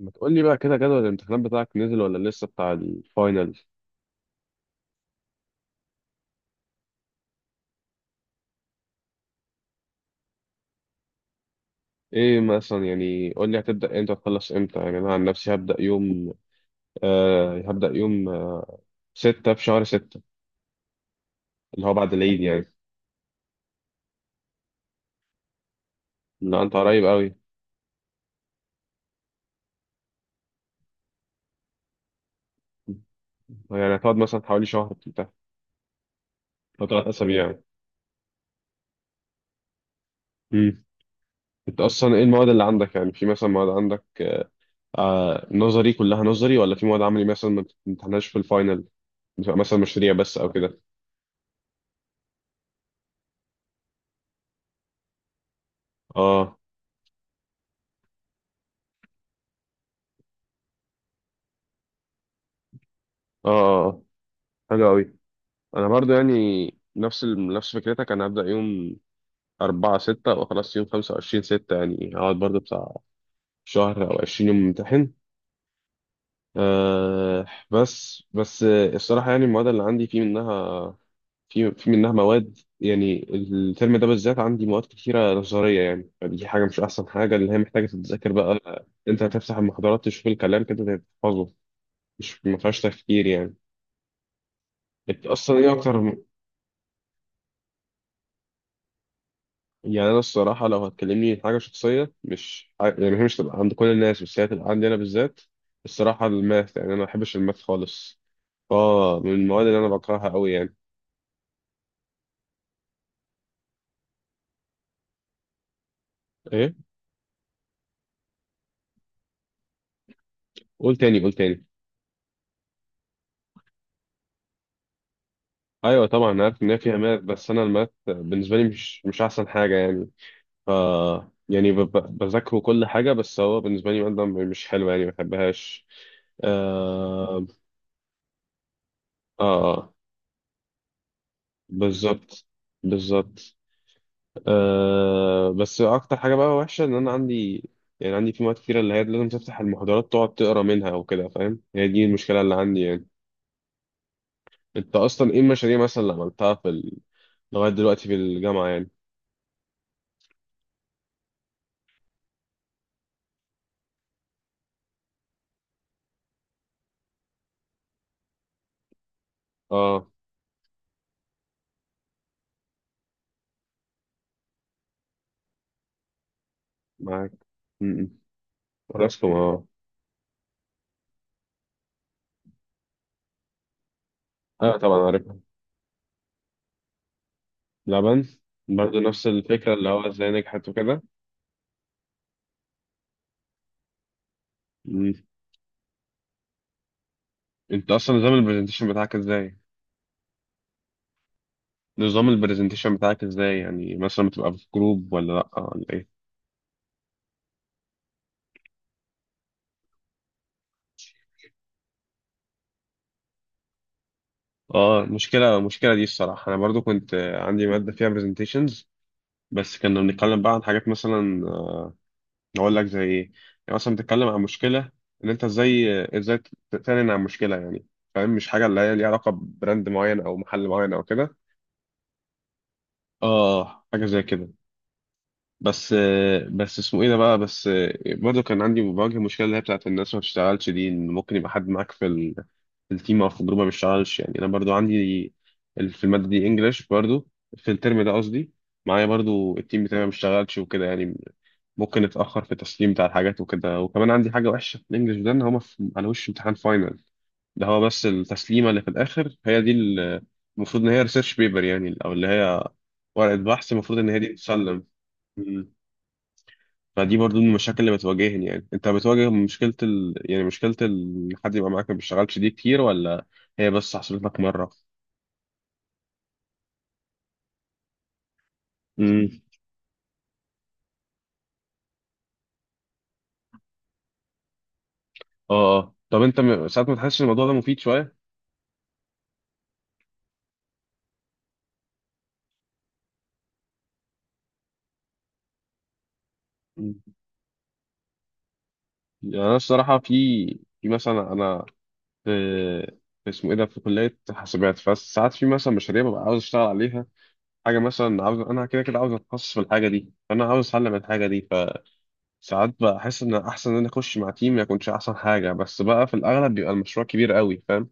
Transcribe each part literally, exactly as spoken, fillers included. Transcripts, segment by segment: ما تقول لي بقى كده جدول الامتحانات بتاعك نزل ولا لسه بتاع الفاينل؟ ايه مثلا؟ يعني قول لي هتبدأ امتى، هتخلص امتى؟ يعني انا عن نفسي هبدأ يوم آه هبدأ يوم آه ستة في شهر ستة، اللي هو بعد العيد يعني. لا انت قريب قوي. يعني هتقعد مثلا حوالي شهر بتاع او ثلاث اسابيع يعني. مم. انت اصلا ايه المواد اللي عندك؟ يعني في مثلا مواد عندك آه آه، نظري كلها نظري ولا في مواد عملي مثلا ما بتمتحنهاش في الفاينل؟ بتبقى مثلا مشاريع بس او كده؟ اه، اه، آه، آه. حلو قوي. انا برضو يعني نفس ال... نفس فكرتك. انا هبدأ يوم اربعة ستة وخلاص يوم خمسة وعشرين ستة، يعني هقعد برضو بتاع شهر او عشرين يوم امتحن. أه بس بس آه، الصراحة يعني المواد اللي عندي في منها في في منها مواد، يعني الترم ده بالذات عندي مواد كتيرة نظرية، يعني فدي حاجة مش أحسن حاجة، اللي هي محتاجة تتذاكر بقى. أنت هتفتح المحاضرات، تشوف الكلام كده، تحفظه، مش ما فيهاش تفكير يعني. أنت أصلا إيه أكتر؟ يعني انا الصراحه لو هتكلمني في حاجه شخصيه، مش ع- يعني هي مش تبقى عند كل الناس، بس هي تبقى عندي انا بالذات. الصراحه الماث، يعني انا ما بحبش الماث خالص، اه، من المواد اللي انا بكرهها قوي يعني. ايه؟ قول تاني، قول تاني. ايوه طبعا أنا عارف ان هي فيها ماث، بس انا الماث بالنسبه لي مش مش احسن حاجه يعني. ف يعني ب- ب- بذاكره كل حاجه، بس هو بالنسبه لي ماده م- مش حلوه يعني، ما بحبهاش. اه، اه، آه، بالظبط، بالظبط. أه بس اكتر حاجه بقى وحشه ان انا عندي، يعني عندي في مواد كتيره اللي هي لازم تفتح المحاضرات، تقعد تقرا منها او كده، فاهم؟ هي دي المشكله اللي عندي يعني. انت اصلا ايه المشاريع مثلا اللي عملتها في ال... لغايه دلوقتي في الجامعه يعني؟ اه. معاك. امم. راسكم، اه. اه طبعا عارفها. لبن. برضه نفس الفكره اللي هو ازاي نجحت وكده. مم. انت اصلا نظام البرزنتيشن بتاعك ازاي؟ نظام البرزنتيشن بتاعك ازاي؟ يعني مثلا بتبقى في جروب ولا لا ولا ايه؟ اه، مشكلة مشكلة دي الصراحة. أنا برضو كنت عندي مادة فيها presentations، بس كنا بنتكلم بقى عن حاجات مثلا. أقول لك زي إيه؟ يعني مثلا بتتكلم عن مشكلة، إن أنت إزاي إزاي تعلن عن مشكلة يعني، فاهم؟ مش حاجة اللي هي ليها علاقة ببراند معين أو محل معين أو كده. اه، حاجة زي كده. بس بس اسمه ايه ده بقى؟ بس برضه كان عندي، بواجه مشكله اللي هي بتاعت الناس ما بتشتغلش دي، ان ممكن يبقى حد معاك في ال... في التيم او في الجروب ما بيشتغلش يعني. انا برضه عندي ال- في الماده دي انجلش برضه، في الترم ده قصدي، معايا برضه التيم بتاعي ما بيشتغلش وكده يعني. ممكن اتاخر في التسليم بتاع الحاجات وكده، وكمان عندي حاجه وحشه في الانجلش ده ان هما في... على وش امتحان فاينل، ده هو بس التسليمه اللي في الاخر، هي دي ال- المفروض ان هي ريسيرش بيبر يعني، او اللي هي ورقه بحث، المفروض ان هي دي تسلم. فدي برضو من المشاكل اللي بتواجهني يعني. انت بتواجه مشكلة ال... يعني مشكلة ال... حد يبقى معاك ما بيشتغلش دي كتير، ولا هي بس حصلت لك مرة؟ امم. اه، اه. طب انت م... ساعات ما تحسش الموضوع ده مفيد شوية؟ مم. يعني انا الصراحة، في في مثلا انا في في اسمه ايه ده، في كلية حاسبات، فساعات في مثلا مشاريع ببقى عاوز اشتغل عليها، حاجة مثلا عاوز، انا كده كده عاوز اتخصص في الحاجة دي، فانا عاوز اتعلم الحاجة دي. ساعات بحس ان احسن ان انا اخش مع تيم، ما يكونش احسن حاجه، بس بقى في الاغلب بيبقى المشروع كبير قوي، فاهم؟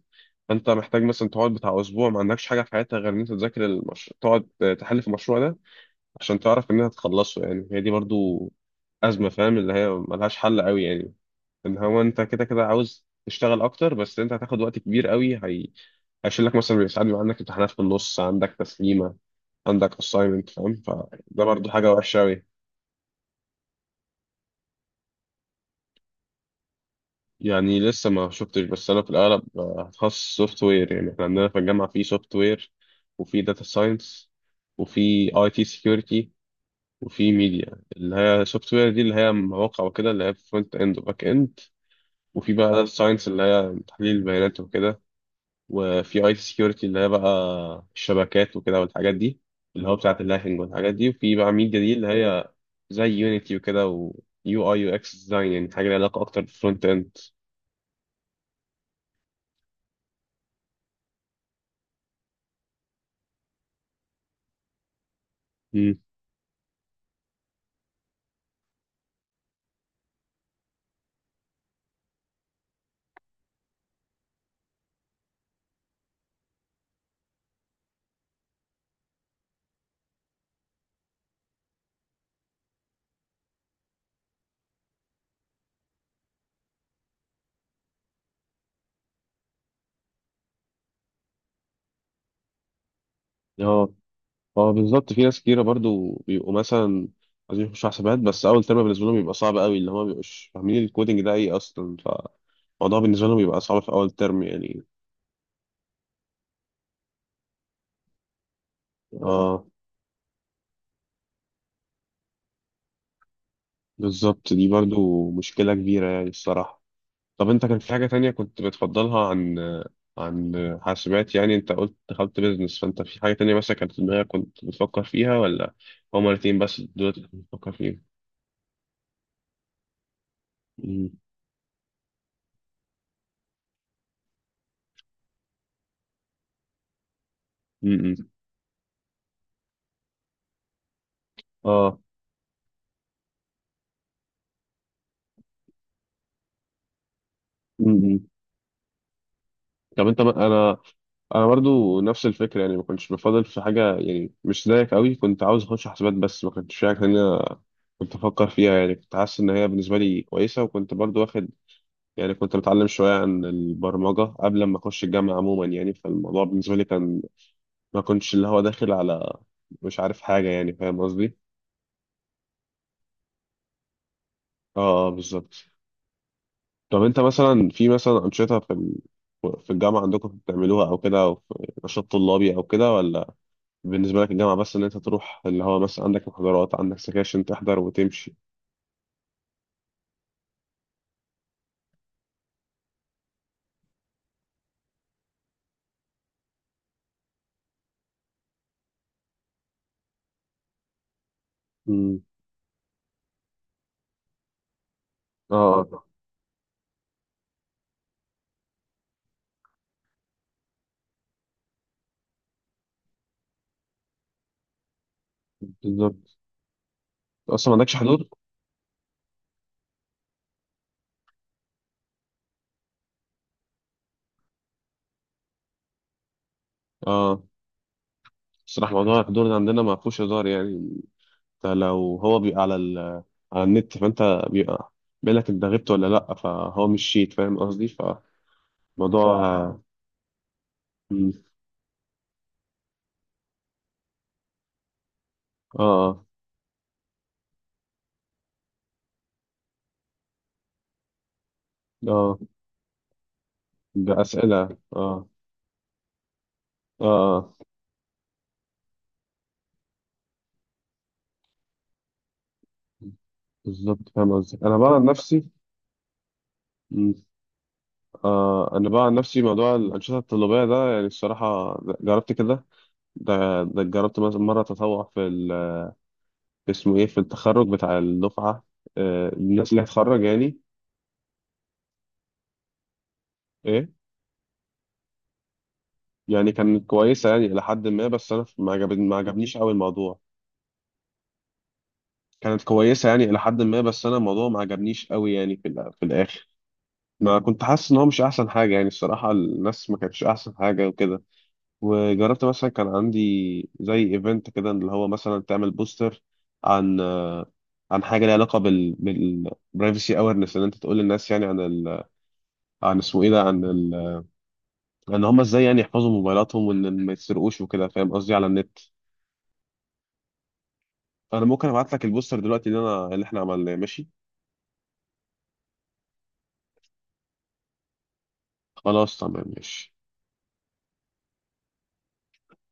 انت محتاج مثلا تقعد بتاع اسبوع ما عندكش حاجه في حياتك غير ان انت تذاكر المشروع، تقعد تحل في المشروع ده عشان تعرف ان انت تخلصه يعني. هي دي برضو ازمه فاهم، اللي هي ملهاش حل قوي يعني، ان هو انت كده كده عاوز تشتغل اكتر، بس انت هتاخد وقت كبير قوي. هي هيشيل لك مثلا ساعات بيبقى عندك امتحانات في النص، عندك تسليمه، عندك assignment، فاهم؟ فده برضو حاجه وحشه قوي. يعني لسه ما شفتش، بس انا في الاغلب آه، هتخصص سوفت وير. يعني احنا عندنا في الجامعه في سوفت وير، وفي داتا ساينس، وفي اي تي سكيورتي، وفي ميديا. اللي هي سوفت وير دي اللي هي مواقع وكده، اللي هي فرونت اند وباك اند، وفي بقى داتا ساينس اللي هي تحليل البيانات وكده، وفي اي تي سكيورتي اللي هي بقى الشبكات وكده والحاجات دي، اللي هو بتاعه اللاهينج والحاجات دي، وفي بقى ميديا دي اللي هي زي يونيتي وكده، ويو اي يو اكس ديزاين، يعني حاجه لها علاقه اكتر بالفرونت اند. مم. اه بالظبط، في ناس كتيرة برضو بيبقوا مثلا عايزين يخشوا حسابات، بس أول ترم بالنسبة لهم بيبقى صعب قوي، اللي هما مبيبقوش فاهمين الكودينج ده إيه أصلا، فالموضوع بالنسبة لهم بيبقى صعب في أول ترم يعني. اه، بالظبط، دي برضو مشكلة كبيرة يعني الصراحة. طب أنت كان في حاجة تانية كنت بتفضلها عن، عن حاسبات يعني؟ أنت قلت دخلت بيزنس، فأنت في حاجة تانية مثلا كانت في دماغك كنت بتفكر فيها، ولا هما الاتنين بس دول اللي كنت بتفكر فيهم؟ م-، م-، م. اه، م-، م. طب أنت، أنا، انا برضو نفس الفكره يعني. ما كنتش بفضل في حاجه يعني، مش زيك قوي. كنت عاوز اخش حسابات، بس ما كنتش شايف ان انا، كنت افكر فيها يعني، كنت حاسس ان هي بالنسبه لي كويسه، وكنت برضو واخد، يعني كنت بتعلم شويه عن البرمجه قبل ما اخش الجامعه عموما يعني، فالموضوع بالنسبه لي كان ما كنتش اللي هو داخل على، مش عارف حاجه يعني، فاهم قصدي؟ اه، آه، بالظبط. طب انت مثلا، في مثلا انشطه في ال- في الجامعه عندكم بتعملوها او كده، او في نشاط طلابي او كده، ولا بالنسبة لك الجامعة بس إن أنت تروح اللي هو مثلا عندك محاضرات، عندك سكاشن، تحضر وتمشي؟ امم. اه، آه، بالظبط. أصلا ما عندكش حضور؟ اه. الصراحة موضوع الحضور ده عندنا ما فيهوش هزار يعني. أنت لو هو بيبقى على ال... على النت، فأنت بيبقى بيقول لك أنت غبت ولا لأ، فهو مش شيت فاهم قصدي، فموضوع. صح، اه. مم. اه، اه، بأسئلة، اه، اه، آه. بالظبط، فاهم قصدي. أنا بقى عن نفسي آه انا بقى عن نفسي موضوع الانشطه الطلابيه ده، يعني الصراحه جربت كده. ده ده جربت مثلا مره تطوع في ال- اسمه ايه، في التخرج بتاع الدفعه، آه الناس اللي هتخرج يعني. ايه؟ يعني كانت كويسه يعني الى حد ما، بس انا ما عجبني ما عجبنيش قوي الموضوع. كانت كويسه يعني الى حد ما، بس انا الموضوع ما عجبنيش قوي يعني في الأ- في الاخر ما كنت حاسس ان هو مش احسن حاجه يعني. الصراحه الناس ما كانتش احسن حاجه وكده. وجربت مثلا كان عندي زي ايفنت كده اللي هو مثلا تعمل بوستر عن آه، عن حاجه ليها علاقه بال بالبرايفسي اويرنس، ان انت تقول للناس يعني عن ال... عن اسمه ايه ده، عن ال... ان هم ازاي يعني يحفظوا موبايلاتهم وان ما يسرقوش وكده، فاهم قصدي؟ على النت. انا ممكن ابعت لك البوستر دلوقتي اللي انا اللي احنا عملناه، ماشي؟ خلاص، تمام، ماشي.